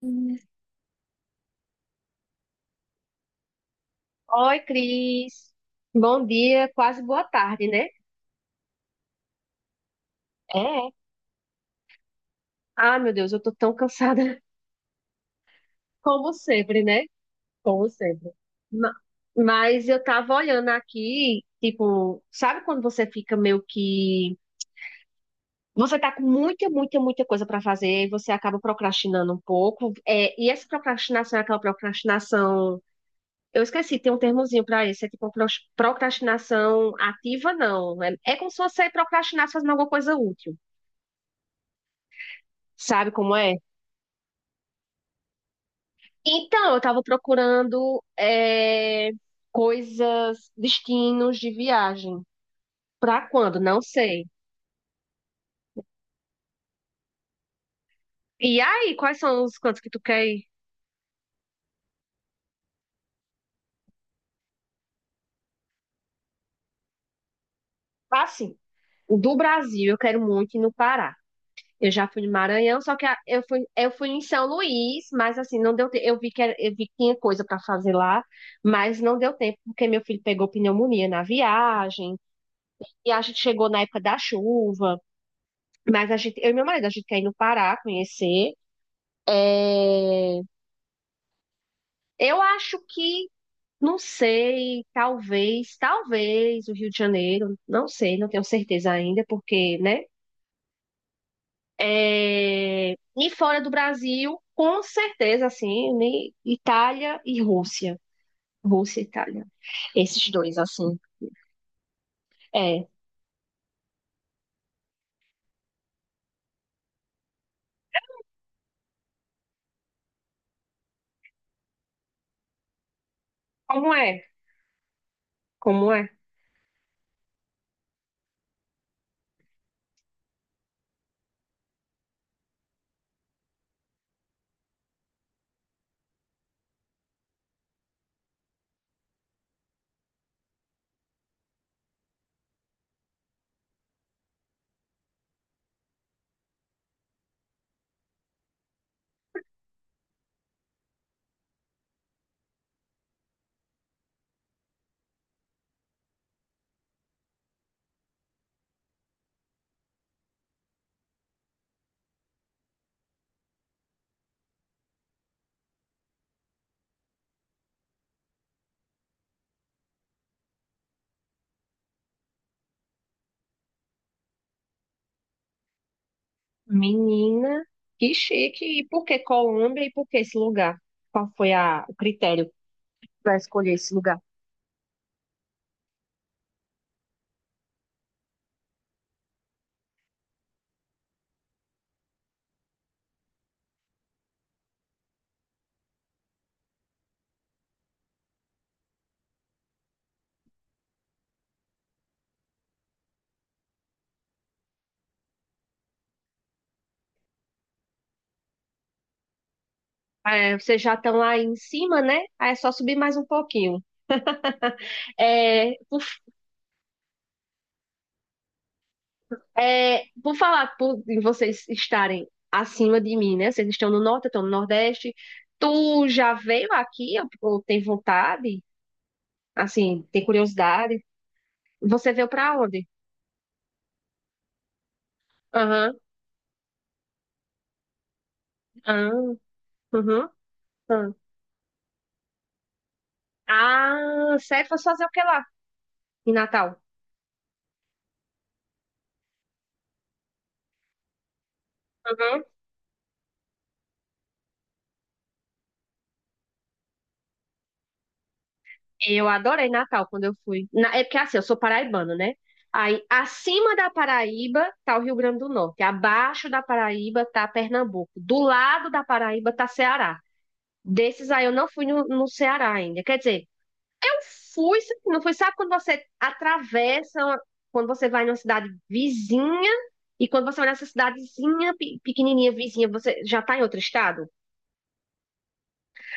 Oi, Cris. Bom dia, quase boa tarde, né? É. Ah, meu Deus, eu tô tão cansada como sempre, né? Como sempre. Ma- Mas eu tava olhando aqui, tipo, sabe quando você fica meio que você tá com muita coisa pra fazer e você acaba procrastinando um pouco. É, e essa procrastinação é aquela procrastinação. Eu esqueci, tem um termozinho pra isso. É tipo procrastinação ativa, não. É, é como se você procrastinasse fazendo alguma coisa útil. Sabe como é? Então, eu tava procurando coisas, destinos de viagem. Pra quando? Não sei. E aí, quais são os cantos que tu quer ir? Assim, o do Brasil eu quero muito ir no Pará. Eu já fui no Maranhão, só que eu fui em São Luís, mas assim, não deu tempo. Eu vi que, eu vi que tinha coisa para fazer lá, mas não deu tempo, porque meu filho pegou pneumonia na viagem, e a gente chegou na época da chuva. Mas a gente, eu e meu marido, a gente quer ir no Pará conhecer. É, eu acho que, não sei, talvez, talvez o Rio de Janeiro, não sei, não tenho certeza ainda, porque, né? É, e fora do Brasil, com certeza, assim, né, Itália e Rússia. Rússia e Itália. Esses dois, assim. É. Como é? Como é? Menina, que chique. E por que Colômbia e por que esse lugar? Qual foi o critério para escolher esse lugar? É, vocês já estão lá em cima, né? Aí é só subir mais um pouquinho. É, por, é, em vocês estarem acima de mim, né? Vocês estão no norte, eu estou no nordeste. Tu já veio aqui ou tem vontade? Assim, tem curiosidade? Você veio para onde? Aham, aham, uhum, aham. Ah, sério, fosse fazer o que lá em Natal? Eu adorei Natal quando eu fui. É porque assim, eu sou paraibano, né? Aí, acima da Paraíba tá o Rio Grande do Norte, abaixo da Paraíba tá Pernambuco, do lado da Paraíba tá Ceará. Desses aí eu não fui no Ceará ainda. Quer dizer, eu fui, não fui, sabe quando você atravessa, quando você vai numa cidade vizinha e quando você vai nessa cidadezinha pequenininha vizinha, você já tá em outro estado?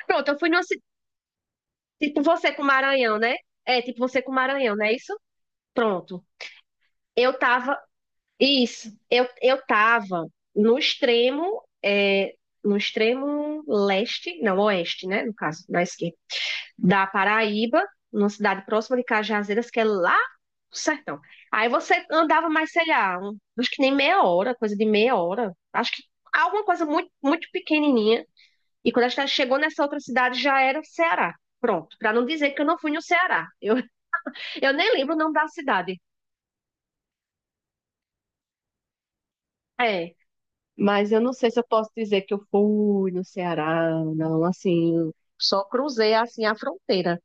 Pronto, eu fui tipo você com Maranhão, né? É, tipo você com Maranhão, não é isso? Pronto. Eu tava, isso, eu tava no extremo, é, no extremo leste, não, oeste, né, no caso, na esquerda, da Paraíba, numa cidade próxima de Cajazeiras, que é lá no sertão. Aí você andava mais, sei lá, acho que nem meia hora, coisa de meia hora, acho que alguma coisa muito, muito pequenininha. E quando a gente chegou nessa outra cidade, já era Ceará. Pronto, para não dizer que eu não fui no Ceará. Eu nem lembro o nome da cidade. É. Mas eu não sei se eu posso dizer que eu fui no Ceará, não, assim, só cruzei assim a fronteira.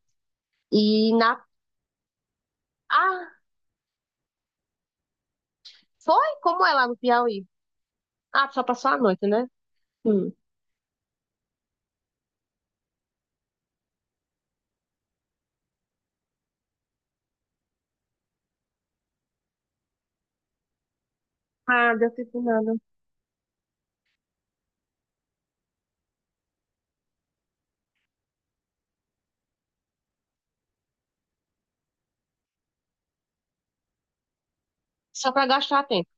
E na Ah, foi como é lá no Piauí? Ah, só passou a noite, né? Hum. Ah, deu tipo nada. Só para gastar tempo.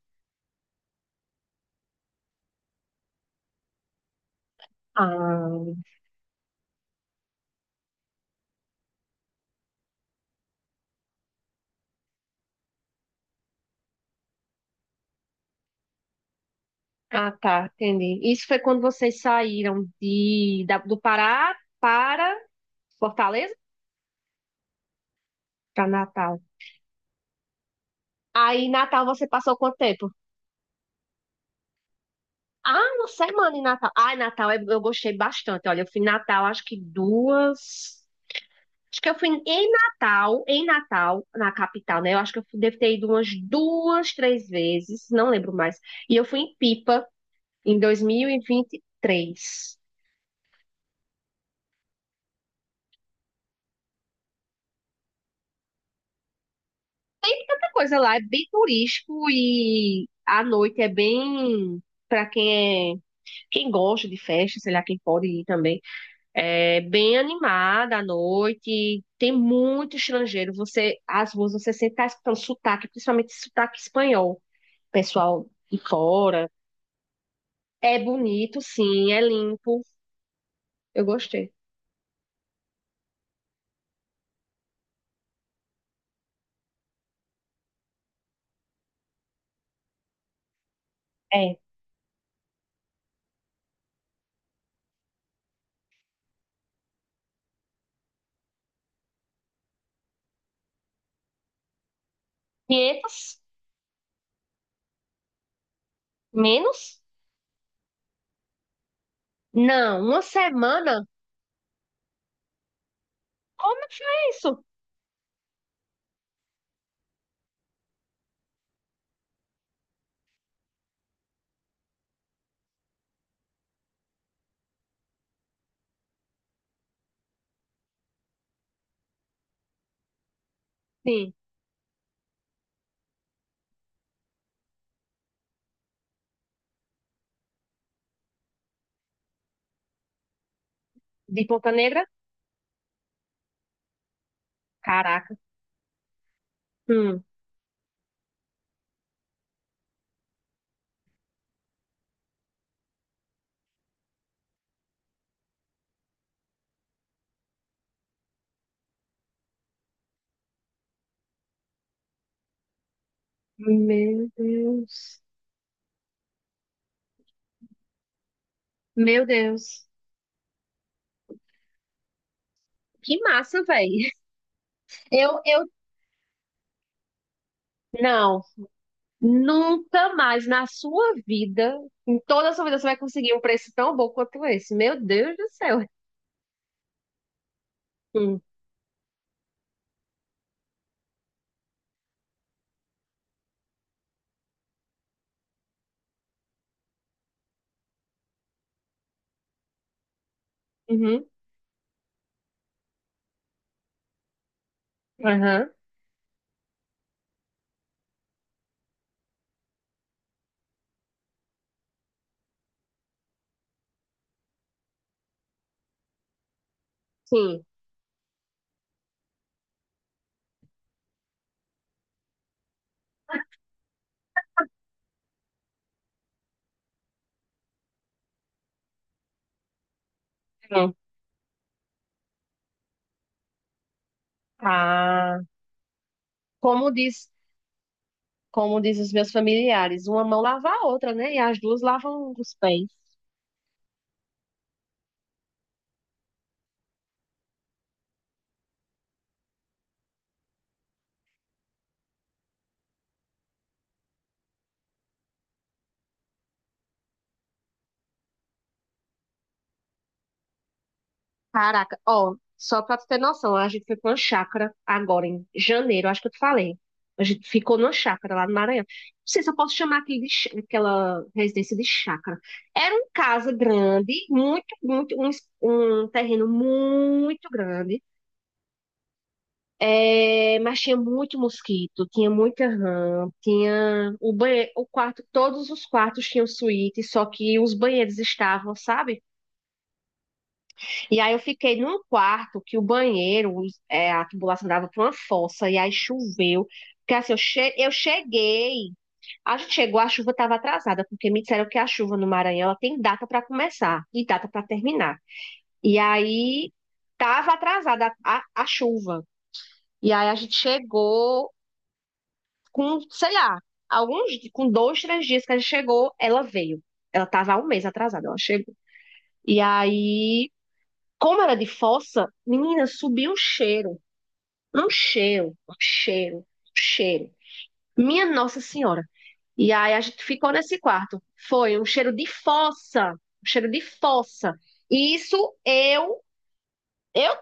Ah, ah, tá, entendi. Isso foi quando vocês saíram do Pará para Fortaleza? Para Natal. Aí, Natal, você passou quanto tempo? Ah, uma semana em Natal. Ai, Natal eu gostei bastante. Olha, eu fui em Natal, acho que duas. Acho que eu fui em Natal, na capital, né? Eu acho que devo ter ido umas duas, três vezes, não lembro mais. E eu fui em Pipa em dois mil e vinte e três. A coisa lá é bem turístico e à noite é bem para quem é, quem gosta de festa, sei lá, quem pode ir também. É bem animada à noite, tem muito estrangeiro. Você, às ruas, você sempre tá escutando sotaque, principalmente sotaque espanhol, pessoal de fora. É bonito, sim, é limpo. Eu gostei. É. 500? Menos? Não, uma semana? Como é que é isso? Sim. De Ponta Negra? Caraca. Hum. Meu Deus. Meu Deus. Que massa, velho. Eu, não. Nunca mais na sua vida, em toda a sua vida, você vai conseguir um preço tão bom quanto esse. Meu Deus do céu. Hum, Uhum. Aham. Sim. Hum. Ah, como diz, como diz os meus familiares, uma mão lava a outra, né? E as duas lavam os pés. Caraca, ó, só pra tu ter noção, a gente foi pra uma chácara agora em janeiro, acho que eu te falei. A gente ficou numa chácara lá no Maranhão. Não sei se eu posso chamar aquele de, aquela residência de chácara. Era uma casa grande, muito, muito, um terreno muito grande. É, mas tinha muito mosquito, tinha muita rã, tinha o banheiro, o quarto, todos os quartos tinham suíte, só que os banheiros estavam, sabe? E aí eu fiquei num quarto que o banheiro, é, a tubulação dava para uma fossa, e aí choveu. Porque assim, eu cheguei, a gente chegou, a chuva estava atrasada, porque me disseram que a chuva no Maranhão ela tem data para começar e data para terminar. E aí estava atrasada a chuva. E aí a gente chegou com, sei lá, alguns, com dois, três dias que a gente chegou, ela veio. Ela estava há um mês atrasada, ela chegou. E aí, como era de fossa, menina, subiu um cheiro. Um cheiro, um cheiro, um cheiro. Minha Nossa Senhora. E aí a gente ficou nesse quarto. Foi um cheiro de fossa, um cheiro de fossa. E isso eu, eu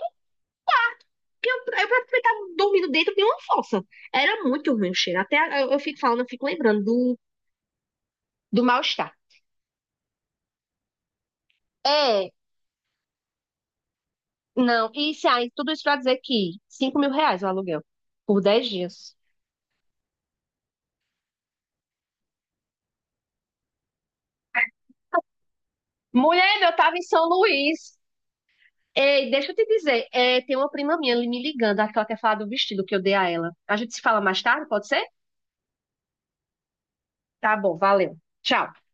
praticamente estava dormindo dentro de uma fossa. Era muito ruim o cheiro. Até eu fico falando, eu fico lembrando do, do mal-estar. É, não. E isso aí, tudo isso pra dizer que R$ 5.000 o aluguel por 10 dias. Mulher, eu tava em São Luís. Ei, deixa eu te dizer, é, tem uma prima minha ali me ligando, acho que ela quer falar do vestido que eu dei a ela. A gente se fala mais tarde, pode ser? Tá bom, valeu. Tchau.